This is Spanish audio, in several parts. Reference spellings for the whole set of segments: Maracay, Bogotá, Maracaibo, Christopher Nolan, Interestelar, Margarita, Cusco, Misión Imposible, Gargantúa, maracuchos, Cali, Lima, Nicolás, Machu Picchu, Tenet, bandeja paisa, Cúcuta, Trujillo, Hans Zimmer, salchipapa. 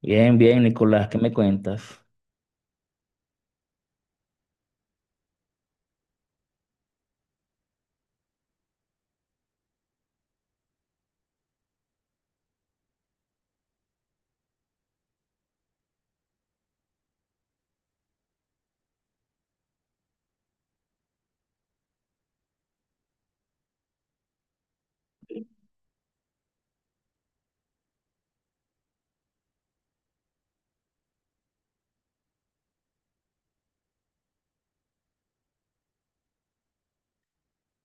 Bien, bien, Nicolás, ¿qué me cuentas?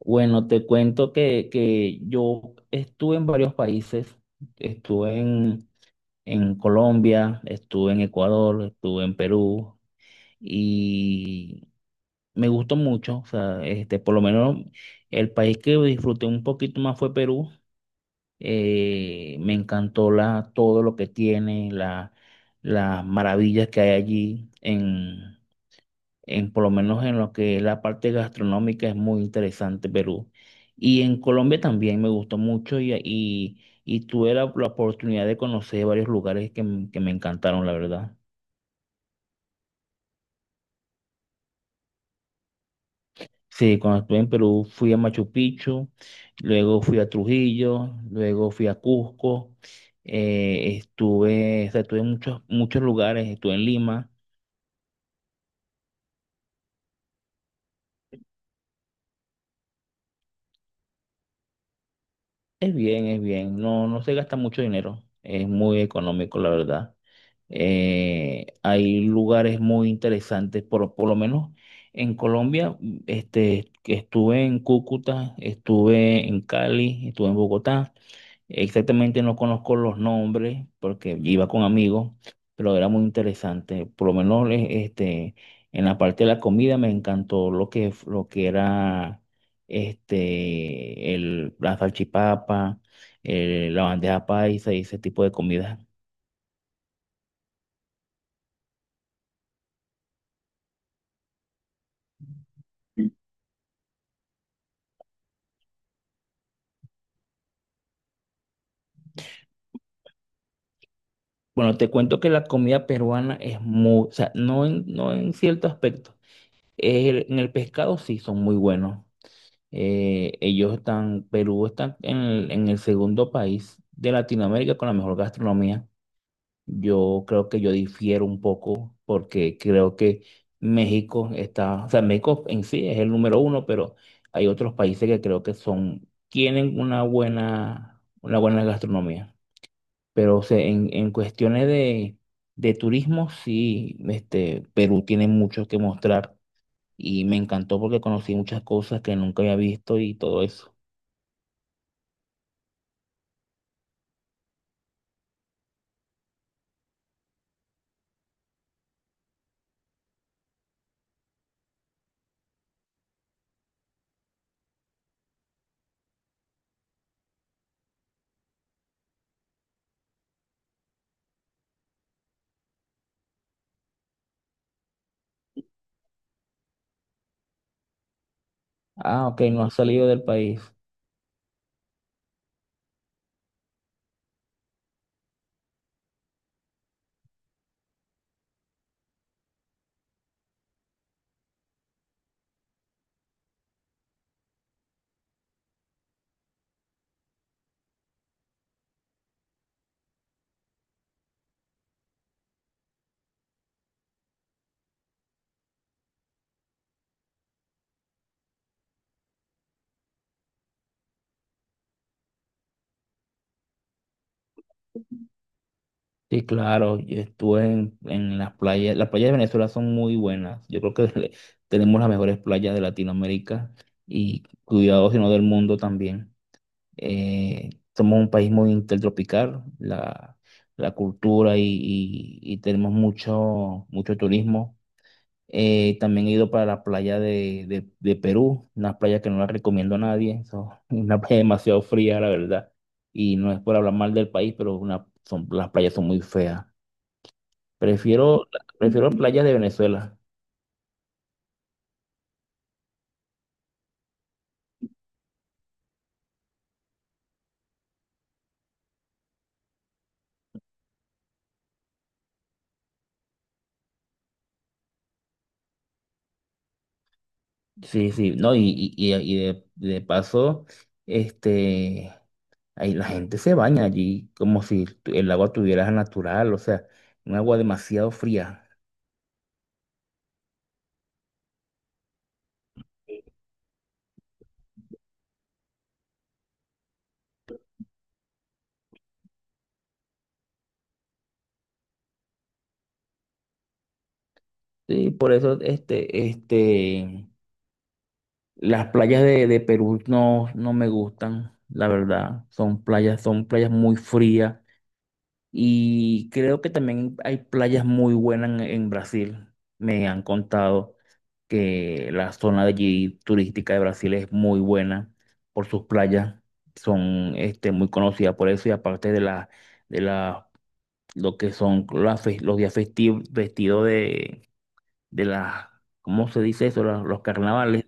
Bueno, te cuento que yo estuve en varios países, estuve en, en Colombia, estuve en Ecuador, estuve en Perú y me gustó mucho, o sea, por lo menos el país que disfruté un poquito más fue Perú. Me encantó la, todo lo que tiene, la, las maravillas que hay allí en, por lo menos en lo que es la parte gastronómica es muy interesante Perú. Y en Colombia también me gustó mucho y tuve la, la oportunidad de conocer varios lugares que me encantaron, la verdad. Sí, cuando estuve en Perú fui a Machu Picchu, luego fui a Trujillo, luego fui a Cusco, estuve, o sea, estuve en muchos lugares, estuve en Lima. Es bien, es bien. No, no se gasta mucho dinero. Es muy económico, la verdad. Hay lugares muy interesantes, por lo menos en Colombia. Que estuve en Cúcuta, estuve en Cali, estuve en Bogotá. Exactamente no conozco los nombres porque iba con amigos, pero era muy interesante. Por lo menos en la parte de la comida me encantó lo que era el, la salchipapa, la bandeja paisa y ese tipo de comida. Bueno, te cuento que la comida peruana es muy, o sea, no en cierto aspecto. El- en el pescado sí son muy buenos. Ellos están, Perú está en el segundo país de Latinoamérica con la mejor gastronomía. Yo creo que yo difiero un poco porque creo que México está, o sea, México en sí es el número uno, pero hay otros países que creo que son, tienen una buena gastronomía. Pero o sea, en cuestiones de turismo, sí, Perú tiene mucho que mostrar y me encantó porque conocí muchas cosas que nunca había visto y todo eso. Ah, ok, no has salido del país. Sí, claro, yo estuve en las playas. Las playas de Venezuela son muy buenas. Yo creo que tenemos las mejores playas de Latinoamérica y cuidado, si no del mundo también. Eh, somos un país muy intertropical, la cultura y tenemos mucho, mucho turismo. También he ido para la playa de, de Perú, una playa que no la recomiendo a nadie, so- una playa demasiado fría, la verdad. Y no es por hablar mal del país, pero una, son, las playas son muy feas. Prefiero, prefiero playas de Venezuela. Sí, sí, no, y de paso, este, ahí la gente se baña allí como si tu- el agua tuviera natural, o sea, un agua demasiado fría. Sí, por eso, este. Las playas de Perú no, no me gustan, la verdad. Son playas muy frías y creo que también hay playas muy buenas en Brasil. Me han contado que la zona de allí turística de Brasil es muy buena por sus playas. Son muy conocidas por eso y aparte de la, lo que son las los días festivos vestidos de las, ¿cómo se dice eso? Los carnavales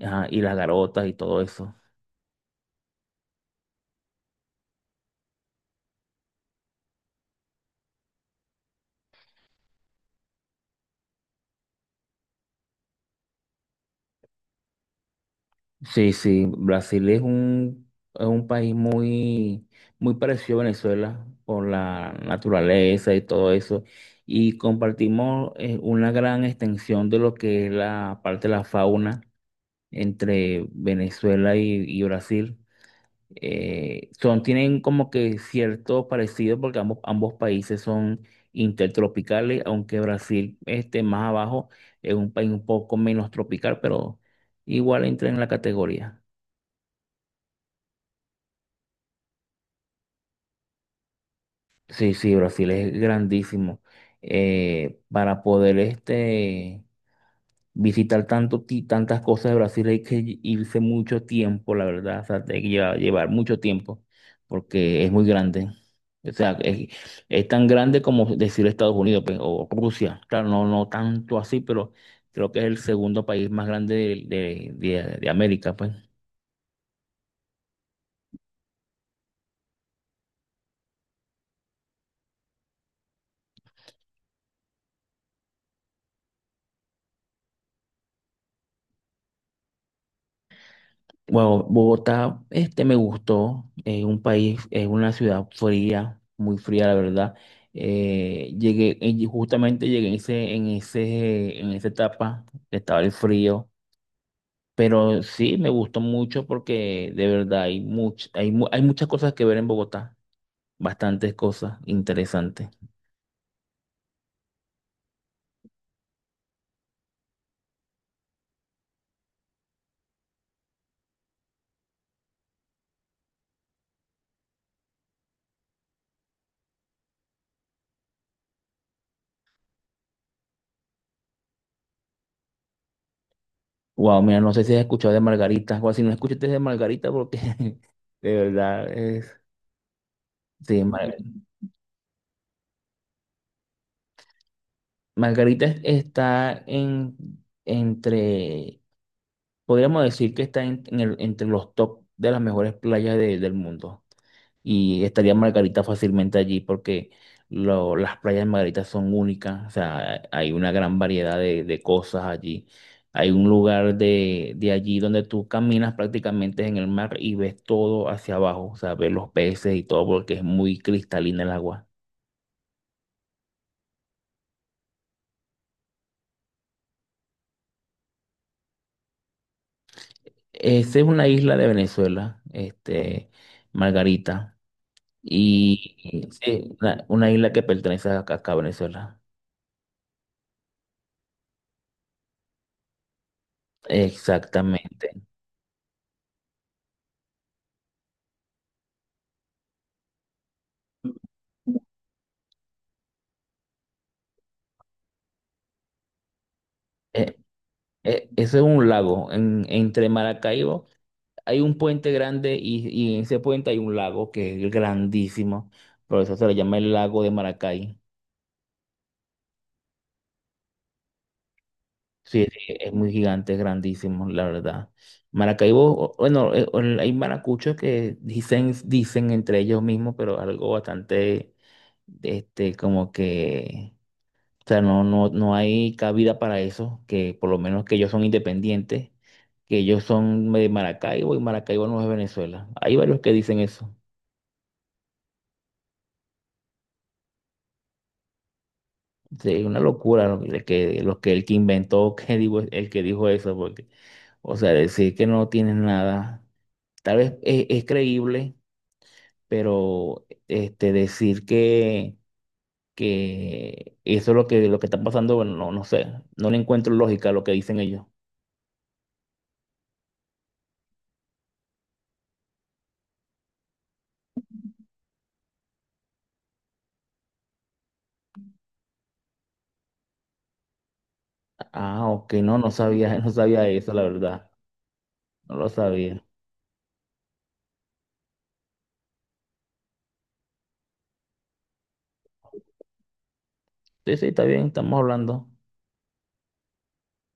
ajá, y las garotas y todo eso. Sí, sí, Brasil es es un país muy, muy parecido a Venezuela por la naturaleza y todo eso. Y compartimos una gran extensión de lo que es la parte de la fauna entre Venezuela y Brasil. Son, tienen como que cierto parecido porque ambos países son intertropicales, aunque Brasil esté más abajo, es un país un poco menos tropical, pero igual entra en la categoría. Sí, sí, Brasil es grandísimo. Para poder visitar tanto, tantas cosas de Brasil hay que irse mucho tiempo, la verdad. O sea, hay que llevar, llevar mucho tiempo porque es muy grande. O sea, es tan grande como decir Estados Unidos pues, o Rusia. Claro, no, no tanto así, pero creo que es el segundo país más grande de América, pues. Bueno, Bogotá, me gustó, es un país, es una ciudad fría, muy fría, la verdad. Llegué, justamente llegué en en esa etapa, estaba el frío, pero sí me gustó mucho porque de verdad hay muchas cosas que ver en Bogotá, bastantes cosas interesantes. Wow, mira, no sé si has escuchado de Margarita, o si no escuchaste de Margarita porque de verdad es, sí, Margarita está en, entre, podríamos decir que está entre los top de las mejores playas del mundo. Y estaría Margarita fácilmente allí porque las playas de Margarita son únicas. O sea, hay una gran variedad de cosas allí. Hay un lugar de allí donde tú caminas prácticamente en el mar y ves todo hacia abajo. O sea, ves los peces y todo porque es muy cristalina el agua. Esa es una isla de Venezuela, Margarita. Y sí, una isla que pertenece a acá a Venezuela. Exactamente. Eh, eso es un lago. En- entre Maracaibo hay un puente grande y en ese puente hay un lago que es grandísimo. Por eso se le llama el lago de Maracay. Sí, sí, es muy gigante, es grandísimo, la verdad. Maracaibo, o- bueno, o- hay maracuchos que dicen, dicen entre ellos mismos, pero algo bastante, como que, o sea, no, no, no hay cabida para eso, que por lo menos que ellos son independientes, que ellos son de Maracaibo y Maracaibo no es Venezuela. Hay varios que dicen eso. Sí, es una locura lo lo que el que inventó, que digo, el que dijo eso, porque, o sea, decir que no tienen nada. Tal vez es creíble, pero decir que eso es lo que está pasando, bueno, no, no sé, no le encuentro lógica a lo que dicen ellos. Ah, ok, no, no sabía, no sabía eso, la verdad, no lo sabía. Sí, sí, está bien, estamos hablando.